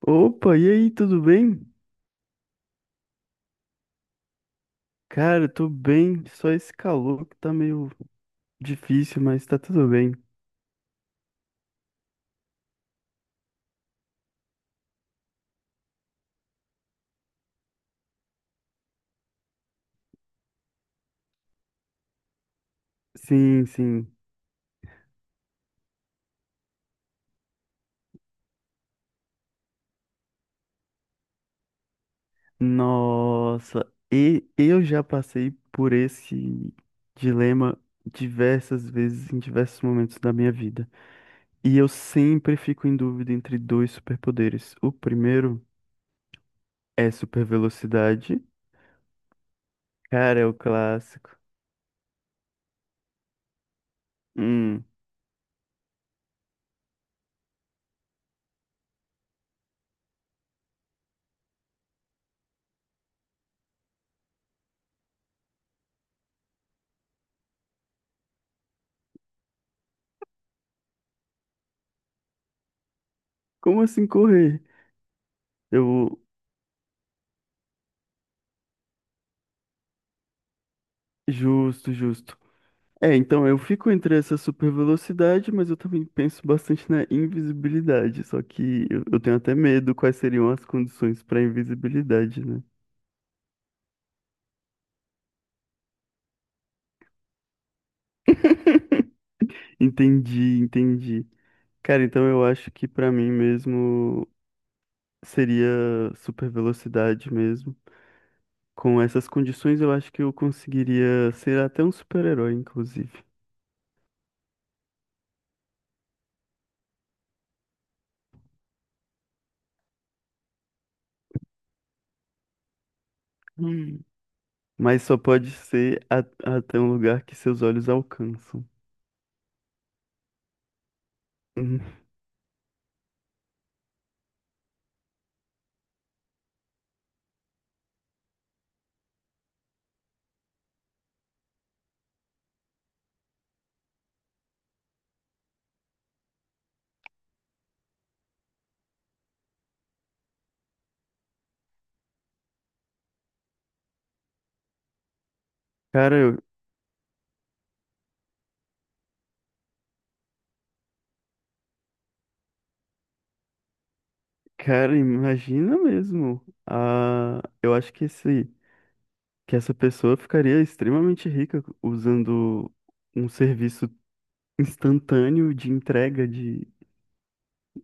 Opa, e aí, tudo bem? Cara, eu tô bem, só esse calor que tá meio difícil, mas tá tudo bem. Sim, sim. Nossa, e eu já passei por esse dilema diversas vezes em diversos momentos da minha vida. E eu sempre fico em dúvida entre dois superpoderes. O primeiro é super velocidade. Cara, é o clássico. Hum, como assim correr? Eu, justo, justo. É, então eu fico entre essa super velocidade, mas eu também penso bastante na invisibilidade. Só que eu tenho até medo quais seriam as condições para invisibilidade, né? Entendi, entendi. Cara, então eu acho que para mim mesmo seria super velocidade mesmo. Com essas condições, eu acho que eu conseguiria ser até um super-herói, inclusive. Hum. Mas só pode ser até um lugar que seus olhos alcançam. Hum. Cara, eu, cara, imagina mesmo. Ah, eu acho que que essa pessoa ficaria extremamente rica usando um serviço instantâneo de entrega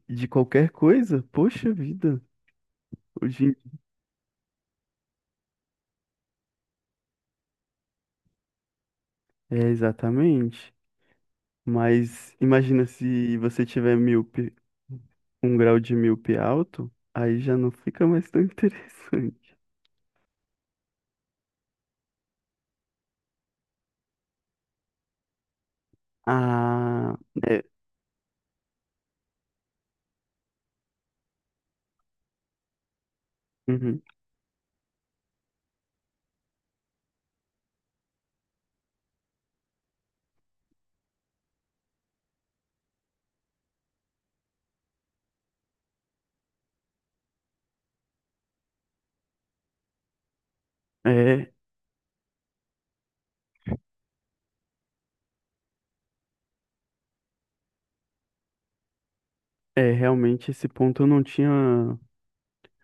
de qualquer coisa. Poxa vida. Hoje em- É, exatamente. Mas imagina se você tiver míope, um grau de míope alto, aí já não fica mais tão interessante. Ah, é, uhum. É, é, realmente esse ponto eu não tinha. Eu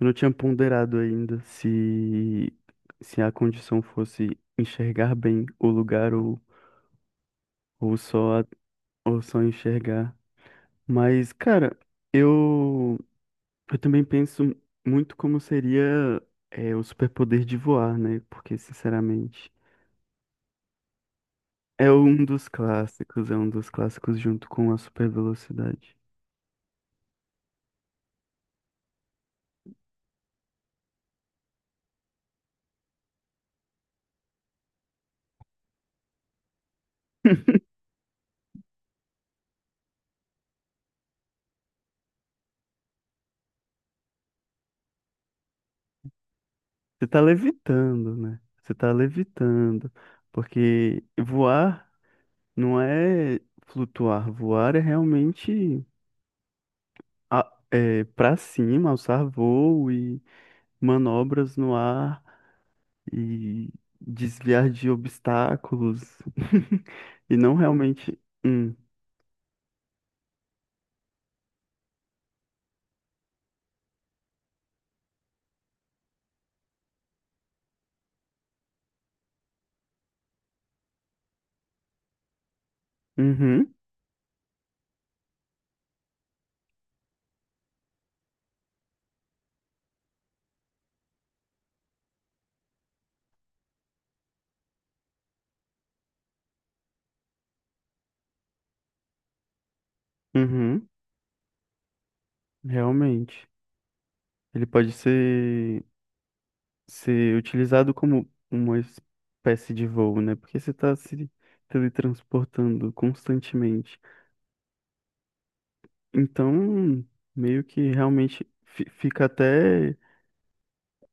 não tinha ponderado ainda se a condição fosse enxergar bem o lugar ou só, ou só enxergar. Mas, cara, eu, eu também penso muito como seria é, o superpoder de voar, né? Porque, sinceramente, é um dos clássicos, é um dos clássicos junto com a super velocidade. Você tá levitando, né? Você tá levitando. Porque voar. Não é flutuar, voar é realmente é, para cima, alçar voo e manobras no ar e desviar de obstáculos. E não realmente. Uhum, uhum, realmente. Ele pode ser utilizado como uma espécie de voo, né? Porque você está se teletransportando constantemente. Então, meio que realmente fica até.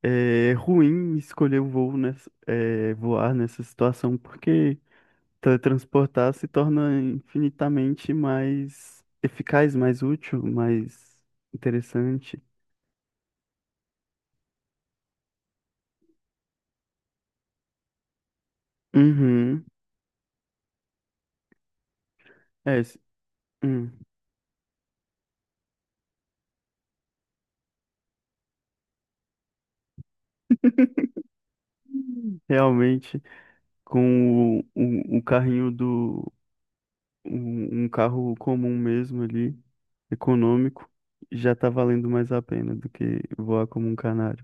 É ruim escolher o voo nessa, é, voar nessa situação, porque teletransportar se torna infinitamente mais eficaz, mais útil, mais interessante. Uhum. É, s- hum. Realmente, com o carrinho do. Um carro comum mesmo ali, econômico, já tá valendo mais a pena do que voar como um canário.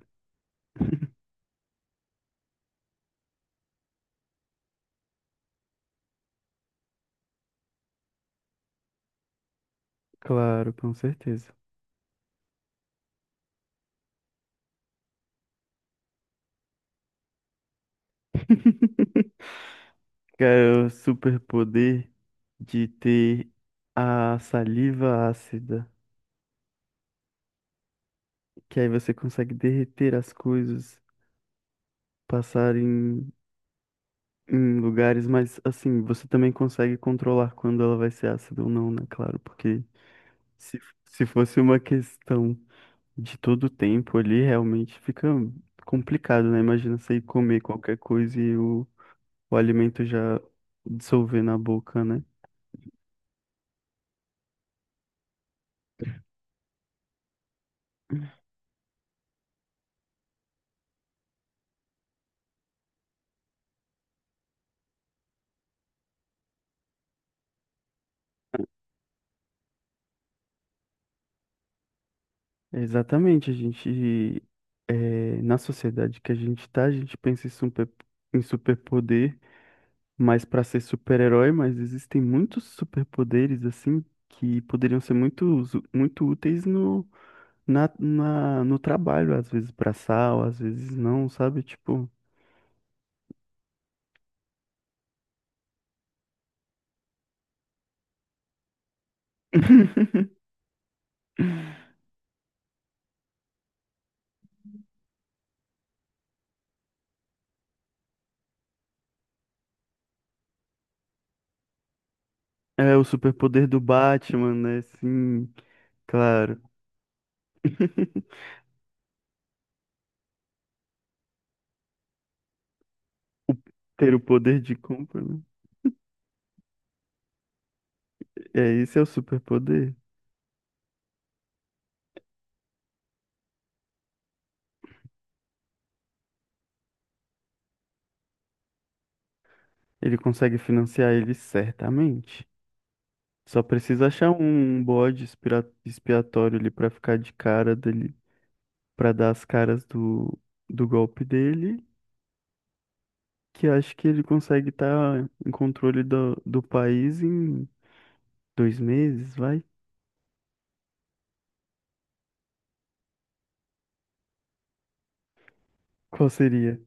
Claro, com certeza. Cara, o superpoder de ter a saliva ácida, que aí você consegue derreter as coisas, passar em lugares, mas assim, você também consegue controlar quando ela vai ser ácida ou não, né? Claro, porque se fosse uma questão de todo o tempo ali, realmente fica complicado, né? Imagina você ir comer qualquer coisa e o alimento já dissolver na boca, né? Exatamente, na sociedade que a gente tá, a gente pensa em super, em superpoder, mas para ser super-herói, mas existem muitos superpoderes, assim, que poderiam ser muito, muito úteis no trabalho, às vezes pra sal, às vezes não, sabe? Tipo, é o superpoder do Batman, né? Sim, claro. Ter o poder de compra, né? É, esse é o superpoder. Ele consegue financiar ele certamente. Só precisa achar um bode expiatório ali pra ficar de cara dele, pra dar as caras do golpe dele, que acho que ele consegue estar em controle do país em 2 meses, vai? Qual seria?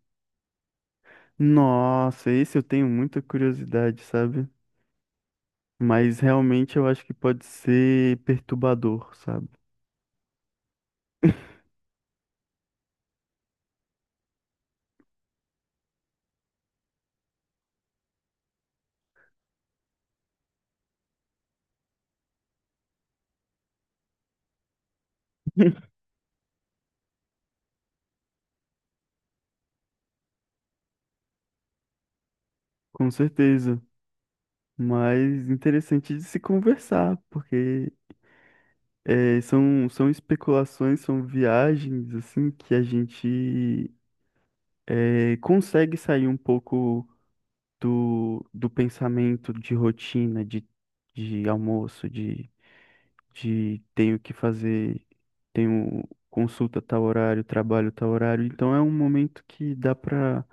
Nossa, esse eu tenho muita curiosidade, sabe? Mas realmente eu acho que pode ser perturbador, sabe? Com certeza. Mas interessante de se conversar, porque é, são, são especulações, são viagens, assim, que a gente é, consegue sair um pouco do pensamento de rotina, de almoço, de tenho que fazer, tenho consulta tal horário, trabalho tal horário. Então é um momento que dá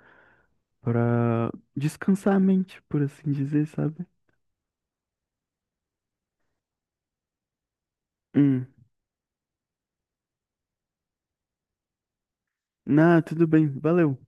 para descansar a mente, por assim dizer, sabe? Hum. Ah, tudo bem, valeu.